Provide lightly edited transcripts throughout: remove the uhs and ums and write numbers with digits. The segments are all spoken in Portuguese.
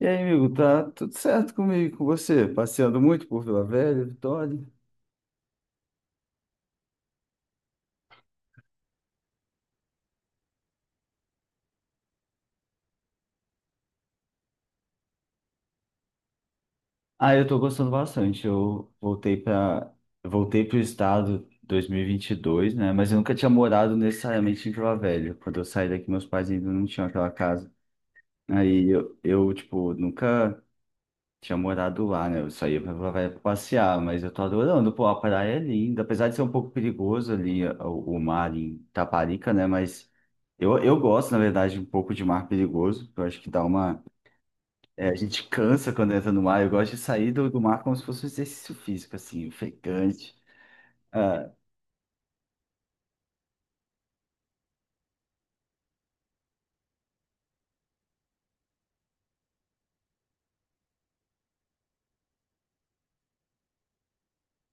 E aí, amigo, tá tudo certo comigo, com você? Passeando muito por Vila Velha, Vitória? Ah, eu tô gostando bastante. Eu voltei para voltei pro estado em dois mil e vinte e dois, né? Mas eu nunca tinha morado necessariamente em Vila Velha. Quando eu saí daqui, meus pais ainda não tinham aquela casa. Aí eu tipo, nunca tinha morado lá, né? Eu saía pra passear, mas eu tô adorando, pô, a praia é linda, apesar de ser um pouco perigoso ali o mar em Taparica, né? Mas eu gosto, na verdade, um pouco de mar perigoso, eu acho que dá uma. A gente cansa quando entra no mar, eu gosto de sair do mar como se fosse um exercício físico, assim, ofegante. Ah,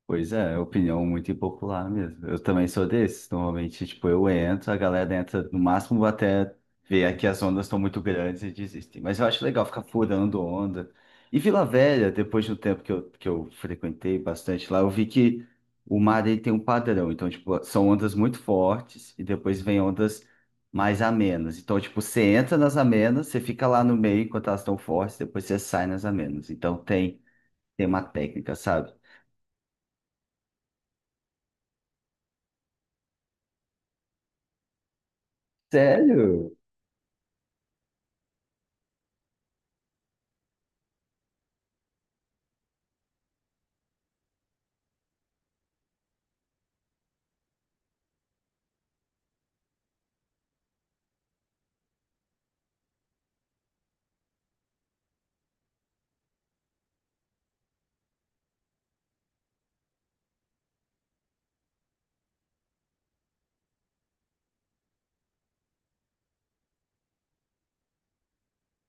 pois é, é opinião muito impopular mesmo. Eu também sou desses. Normalmente, tipo, eu entro, a galera entra no máximo até ver aqui as ondas estão muito grandes e desistem. Mas eu acho legal ficar furando onda. E Vila Velha, depois de um tempo que eu frequentei bastante lá, eu vi que o mar ele tem um padrão. Então, tipo, são ondas muito fortes e depois vem ondas mais amenas. Então, tipo, você entra nas amenas, você fica lá no meio enquanto elas estão fortes, depois você sai nas amenas. Então, tem uma técnica, sabe? Sério?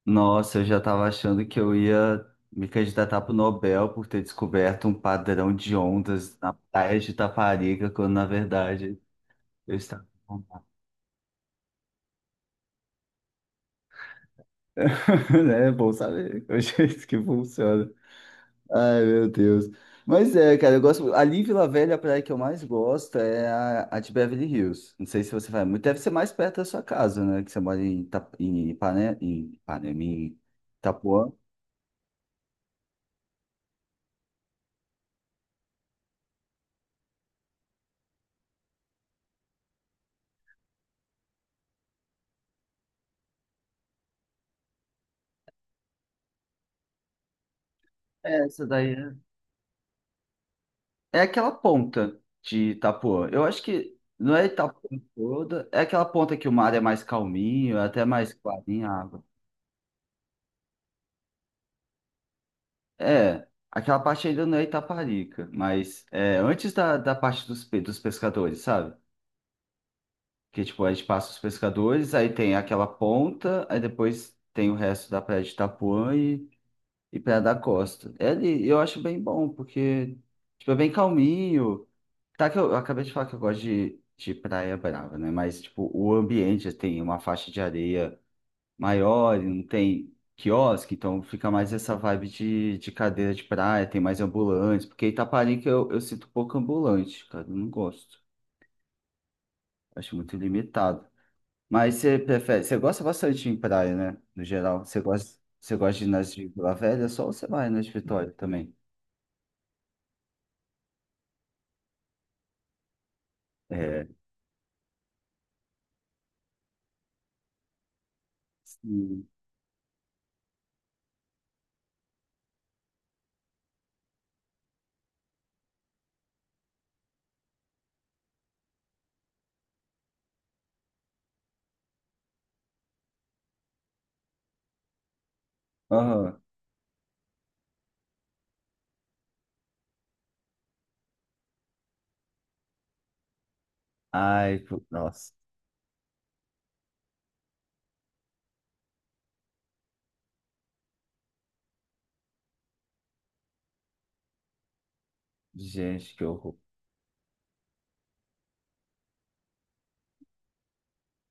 Nossa, eu já estava achando que eu ia me candidatar para o Nobel por ter descoberto um padrão de ondas na praia de Itaparica, quando na verdade eu estava. É bom saber é o jeito que funciona. Ai, meu Deus. Mas é, cara, eu gosto. Ali em Vila Velha, é a praia que eu mais gosto é a de Beverly Hills. Não sei se você vai muito. Deve ser mais perto da sua casa, né? Que você mora em, Ita... em, Ipane... em Ipanema, em Itapuã. É, Essa daí É aquela ponta de Itapuã. Eu acho que não é Itapuã toda, é aquela ponta que o mar é mais calminho, é até mais clarinha a água. É, aquela parte ainda não é Itaparica, mas é antes da parte dos pescadores, sabe? Que tipo, a gente passa os pescadores, aí tem aquela ponta, aí depois tem o resto da praia de Itapuã e Praia da Costa. É ali, eu acho bem bom, porque tipo, é bem calminho. Tá que eu acabei de falar que eu gosto de praia brava, né? Mas tipo, o ambiente assim, tem uma faixa de areia maior, e não tem quiosque, então fica mais essa vibe de cadeira de praia, tem mais ambulantes, porque Itaparica eu sinto pouco ambulante, cara, eu não gosto. Acho muito limitado. Mas você gosta bastante de ir em praia, né? No geral, você gosta de ir nas de Vila Velha só ou você vai nas de Vitória também? É. Sim. Aham. Ai, pô, nossa. Gente, que horror.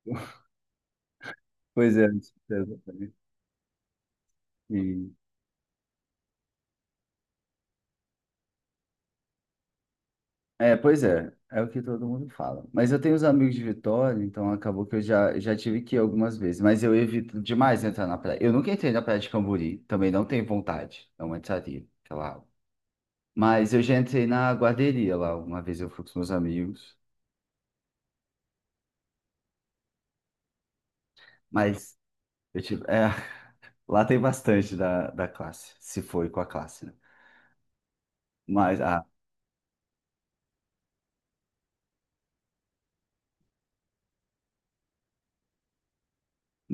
Pois é, exatamente. Sim. É, pois é, é o que todo mundo fala. Mas eu tenho os amigos de Vitória, então acabou que eu já tive que ir algumas vezes, mas eu evito demais entrar na praia. Eu nunca entrei na praia de Camburi, também não tenho vontade, não entraria, aquela água. Mas eu já entrei na guarderia lá, uma vez eu fui com os meus amigos, mas eu tive, lá tem bastante da classe, se foi com a classe, né? Mas, ah,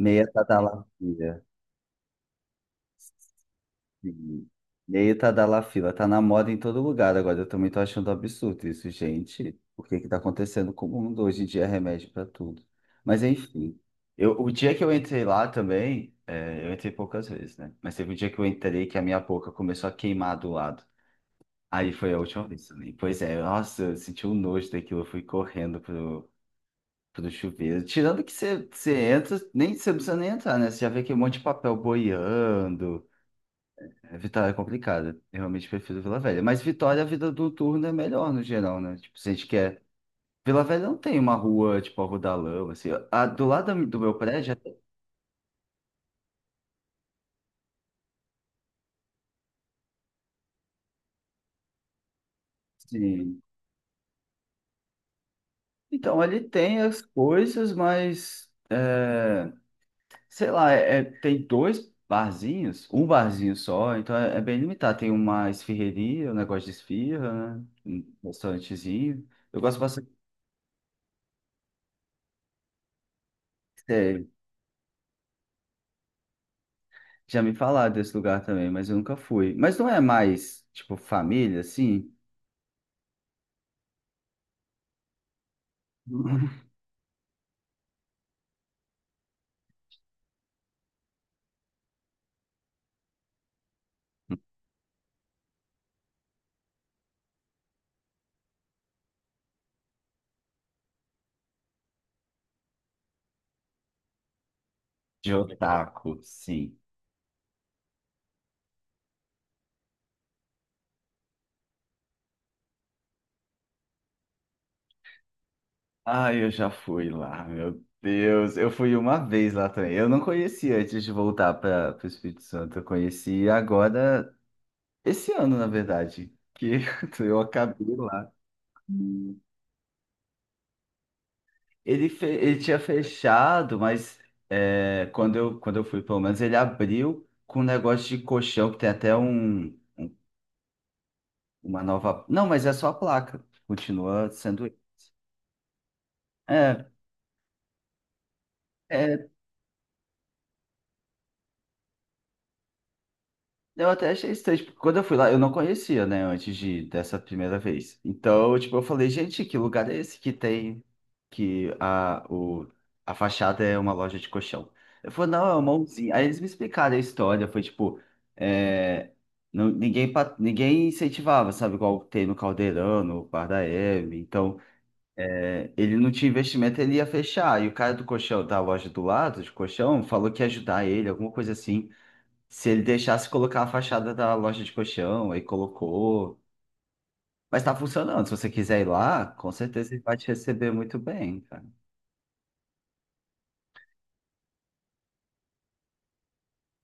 meia tadalafila. Sim. Meia tadalafila. Tá na moda em todo lugar agora. Eu também tô achando absurdo isso, gente. O que que tá acontecendo com o mundo? Hoje em dia é remédio pra tudo. Mas enfim. O dia que eu entrei lá também, eu entrei poucas vezes, né? Mas teve um dia que eu entrei que a minha boca começou a queimar do lado. Aí foi a última vez também. Pois é, nossa, eu senti um nojo daquilo. Eu fui correndo pro chuveiro. Tirando que você entra, nem, você não precisa nem entrar, né? Você já vê que um monte de papel boiando. É, Vitória é complicado. Eu realmente prefiro Vila Velha. Mas Vitória, a vida noturna é melhor no geral, né? Tipo, se a gente quer. Vila Velha não tem uma rua, tipo, a Rua da Lama, assim. Do lado do meu prédio, até assim. Então, ali tem as coisas, mas, é, sei lá, tem dois barzinhos, um barzinho só, então é bem limitado. Tem uma esfirreria, um negócio de esfirra, né? Um restaurantezinho. Eu gosto bastante. Já me falaram desse lugar também, mas eu nunca fui. Mas não é mais, tipo, família, assim? De otaku, sim. Ah, eu já fui lá, meu Deus. Eu fui uma vez lá também. Eu não conhecia antes de voltar para o Espírito Santo. Eu conheci agora, esse ano, na verdade, que eu acabei lá. Ele tinha fechado, mas quando eu fui, pelo menos, ele abriu com um negócio de colchão, que tem até um. Uma nova. Não, mas é só a placa. Continua sendo. É, é, eu até achei estranho. Tipo, quando eu fui lá, eu não conhecia, né? Antes de dessa primeira vez. Então, tipo, eu falei, gente, que lugar é esse que tem. Que a fachada é uma loja de colchão. Eu falei, não, é uma usina. Aí eles me explicaram a história. Foi tipo. é, Ninguém incentivava, sabe? Igual tem no Caldeirão, no Bar da Hebe. Então. Ele não tinha investimento, ele ia fechar. E o cara do colchão, da loja do lado, de colchão, falou que ia ajudar ele, alguma coisa assim. Se ele deixasse colocar a fachada da loja de colchão, aí colocou. Mas tá funcionando. Se você quiser ir lá, com certeza ele vai te receber muito bem, cara.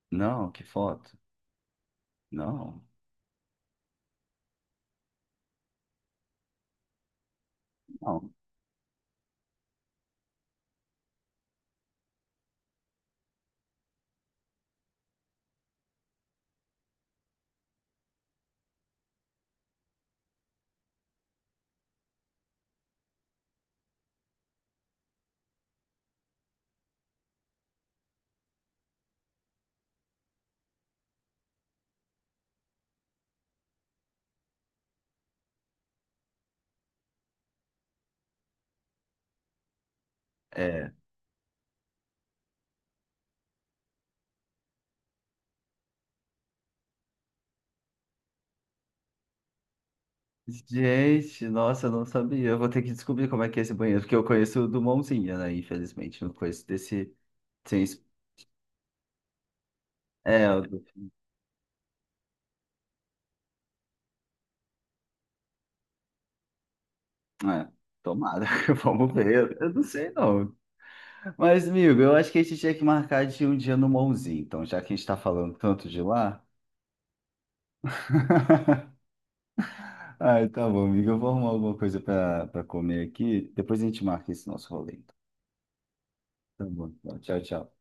Não, que foto. Não, não. É. Gente, nossa, eu não sabia. Eu vou ter que descobrir como é que é esse banheiro, porque eu conheço o do Mãozinha, né? Infelizmente, eu não conheço desse. Sem É, o do É, Tomara, vamos ver. Eu não sei, não. Mas, amigo, eu acho que a gente tinha que marcar de um dia no Monzinho, então, já que a gente está falando tanto de lá. Ai, tá bom, amigo. Eu vou arrumar alguma coisa para comer aqui. Depois a gente marca esse nosso rolê, então. Tá bom, então. Tchau, tchau.